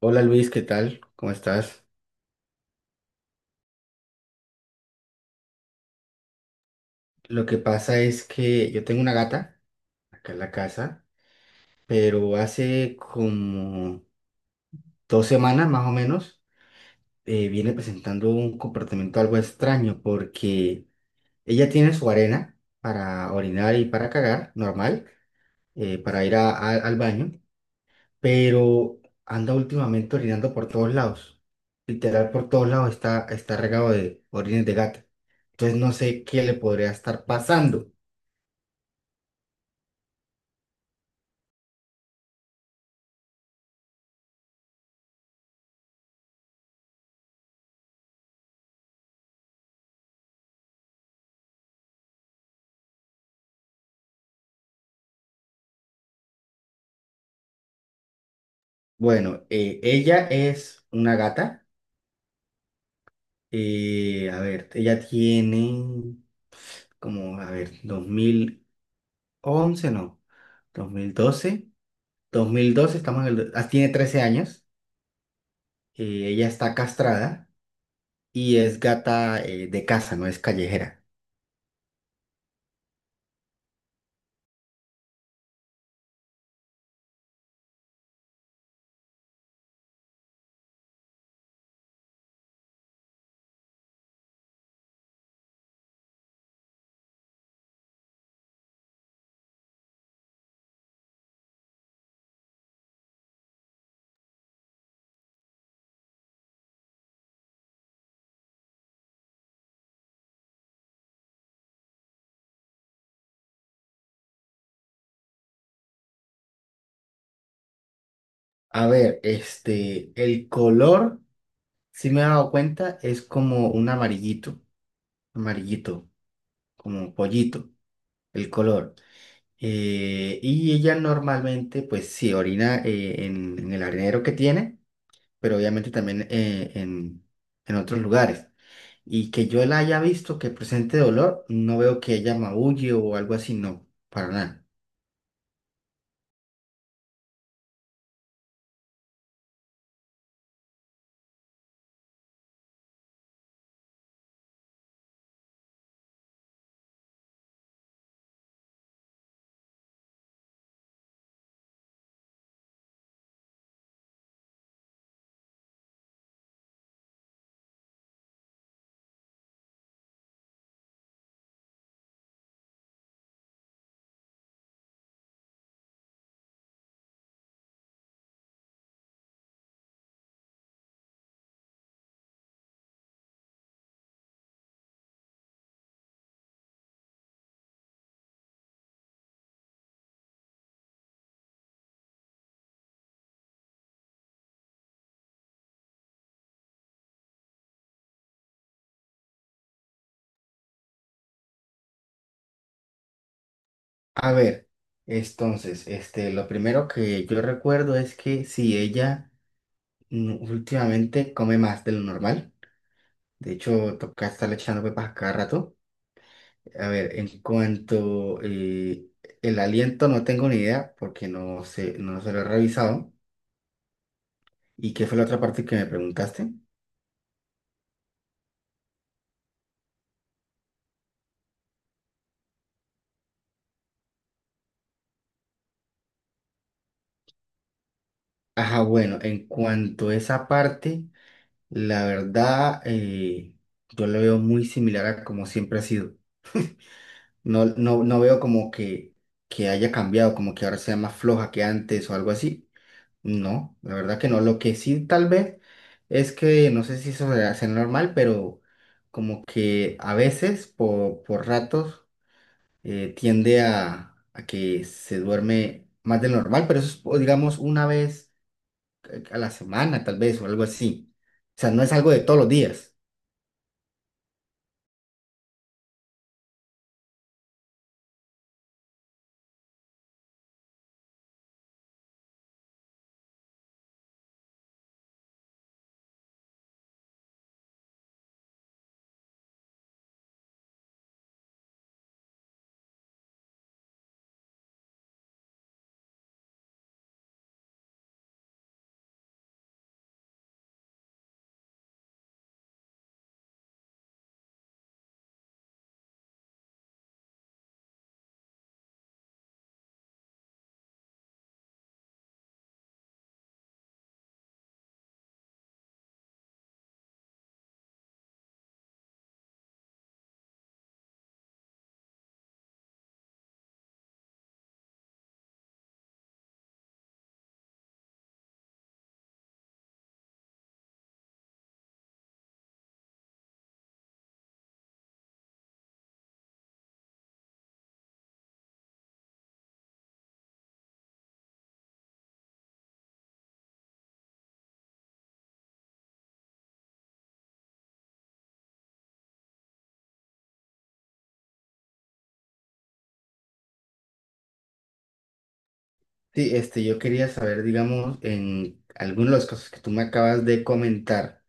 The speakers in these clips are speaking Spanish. Hola Luis, ¿qué tal? ¿Cómo estás? Lo que pasa es que yo tengo una gata acá en la casa, pero hace como 2 semanas más o menos viene presentando un comportamiento algo extraño porque ella tiene su arena para orinar y para cagar, normal, para ir al baño, pero anda últimamente orinando por todos lados. Literal, por todos lados está regado de orines de gata. Entonces no sé qué le podría estar pasando. Bueno, ella es una gata. Ella tiene como dos mil once no, 2012, 2012 estamos en el... Ah, tiene 13 años. Ella está castrada y es gata de casa, no es callejera. A ver, este, el color, si me he dado cuenta, es como un amarillito, amarillito, como pollito, el color. Y ella normalmente, pues sí, orina en el arenero que tiene, pero obviamente también en otros lugares. Y que yo la haya visto que presente dolor, no veo que ella maulle o algo así, no, para nada. A ver, entonces, este, lo primero que yo recuerdo es que si ella mm, últimamente come más de lo normal, de hecho, toca estarle echando pepas a cada rato. A ver, en cuanto el aliento no tengo ni idea porque no sé, no se lo he revisado. ¿Y qué fue la otra parte que me preguntaste? Ajá, bueno, en cuanto a esa parte, la verdad, yo lo veo muy similar a como siempre ha sido. No veo como que haya cambiado, como que ahora sea más floja que antes o algo así. No, la verdad que no. Lo que sí tal vez es no sé si eso se hace normal, pero como que a veces, por ratos, tiende a que se duerme más de lo normal, pero eso es, o digamos, una vez a la semana, tal vez, o algo así. O sea, no es algo de todos los días. Sí, este, yo quería saber, digamos, en algunos de los casos que tú me acabas de comentar.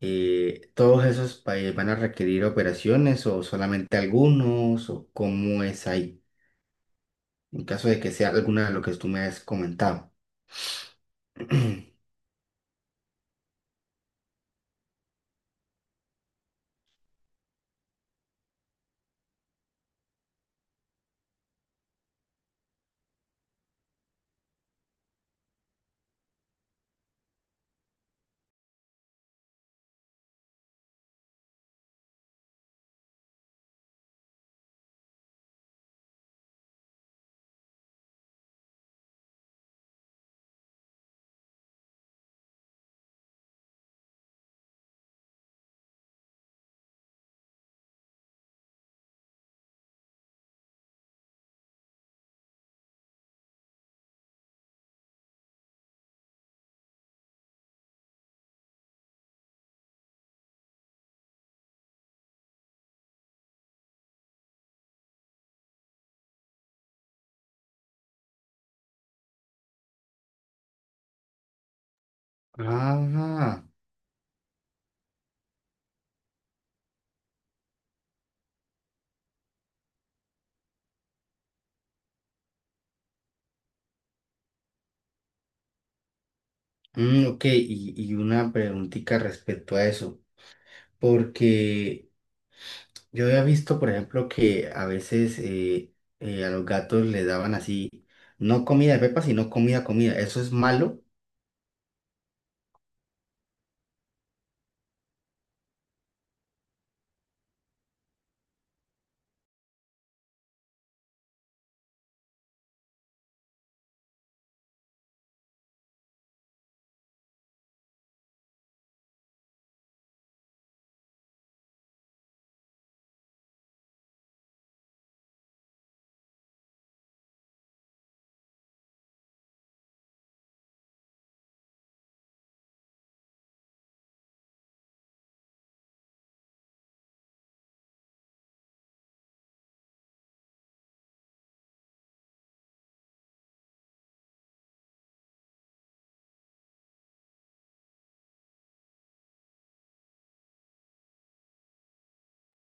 ¿Todos esos países van a requerir operaciones o solamente algunos o cómo es ahí? En caso de que sea alguna de lo que tú me has comentado. Ah, mm, ok, y una preguntita respecto a eso, porque yo había visto, por ejemplo, que a veces a los gatos les daban así, no comida de pepa, sino comida, comida, ¿eso es malo?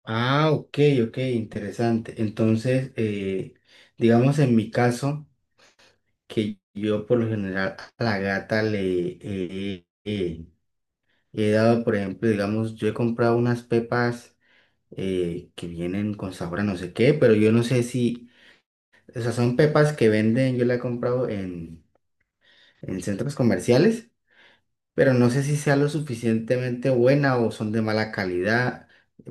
Ah, ok, ok, interesante. Entonces, digamos en mi caso, que yo por lo general a la gata le he dado, por ejemplo, digamos, yo he comprado unas pepas que vienen con sabor a no sé qué, pero yo no sé si, o sea, son pepas que venden, yo la he comprado en centros comerciales, pero no sé si sea lo suficientemente buena o son de mala calidad,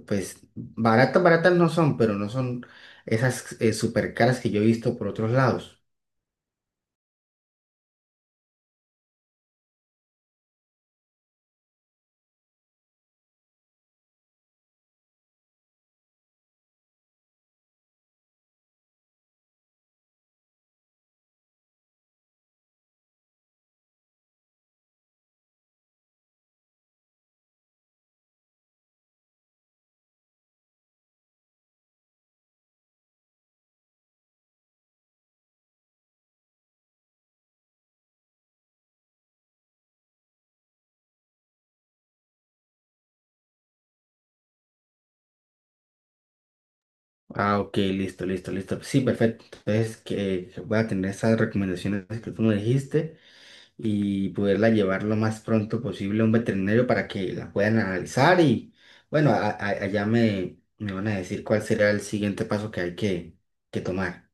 pues baratas, baratas no son, pero no son esas super caras que yo he visto por otros lados. Ah, ok, listo, listo, listo. Sí, perfecto. Entonces, que voy a tener esas recomendaciones que tú me dijiste y poderla llevar lo más pronto posible a un veterinario para que la puedan analizar y, bueno, allá me van a decir cuál será el siguiente paso que hay que tomar.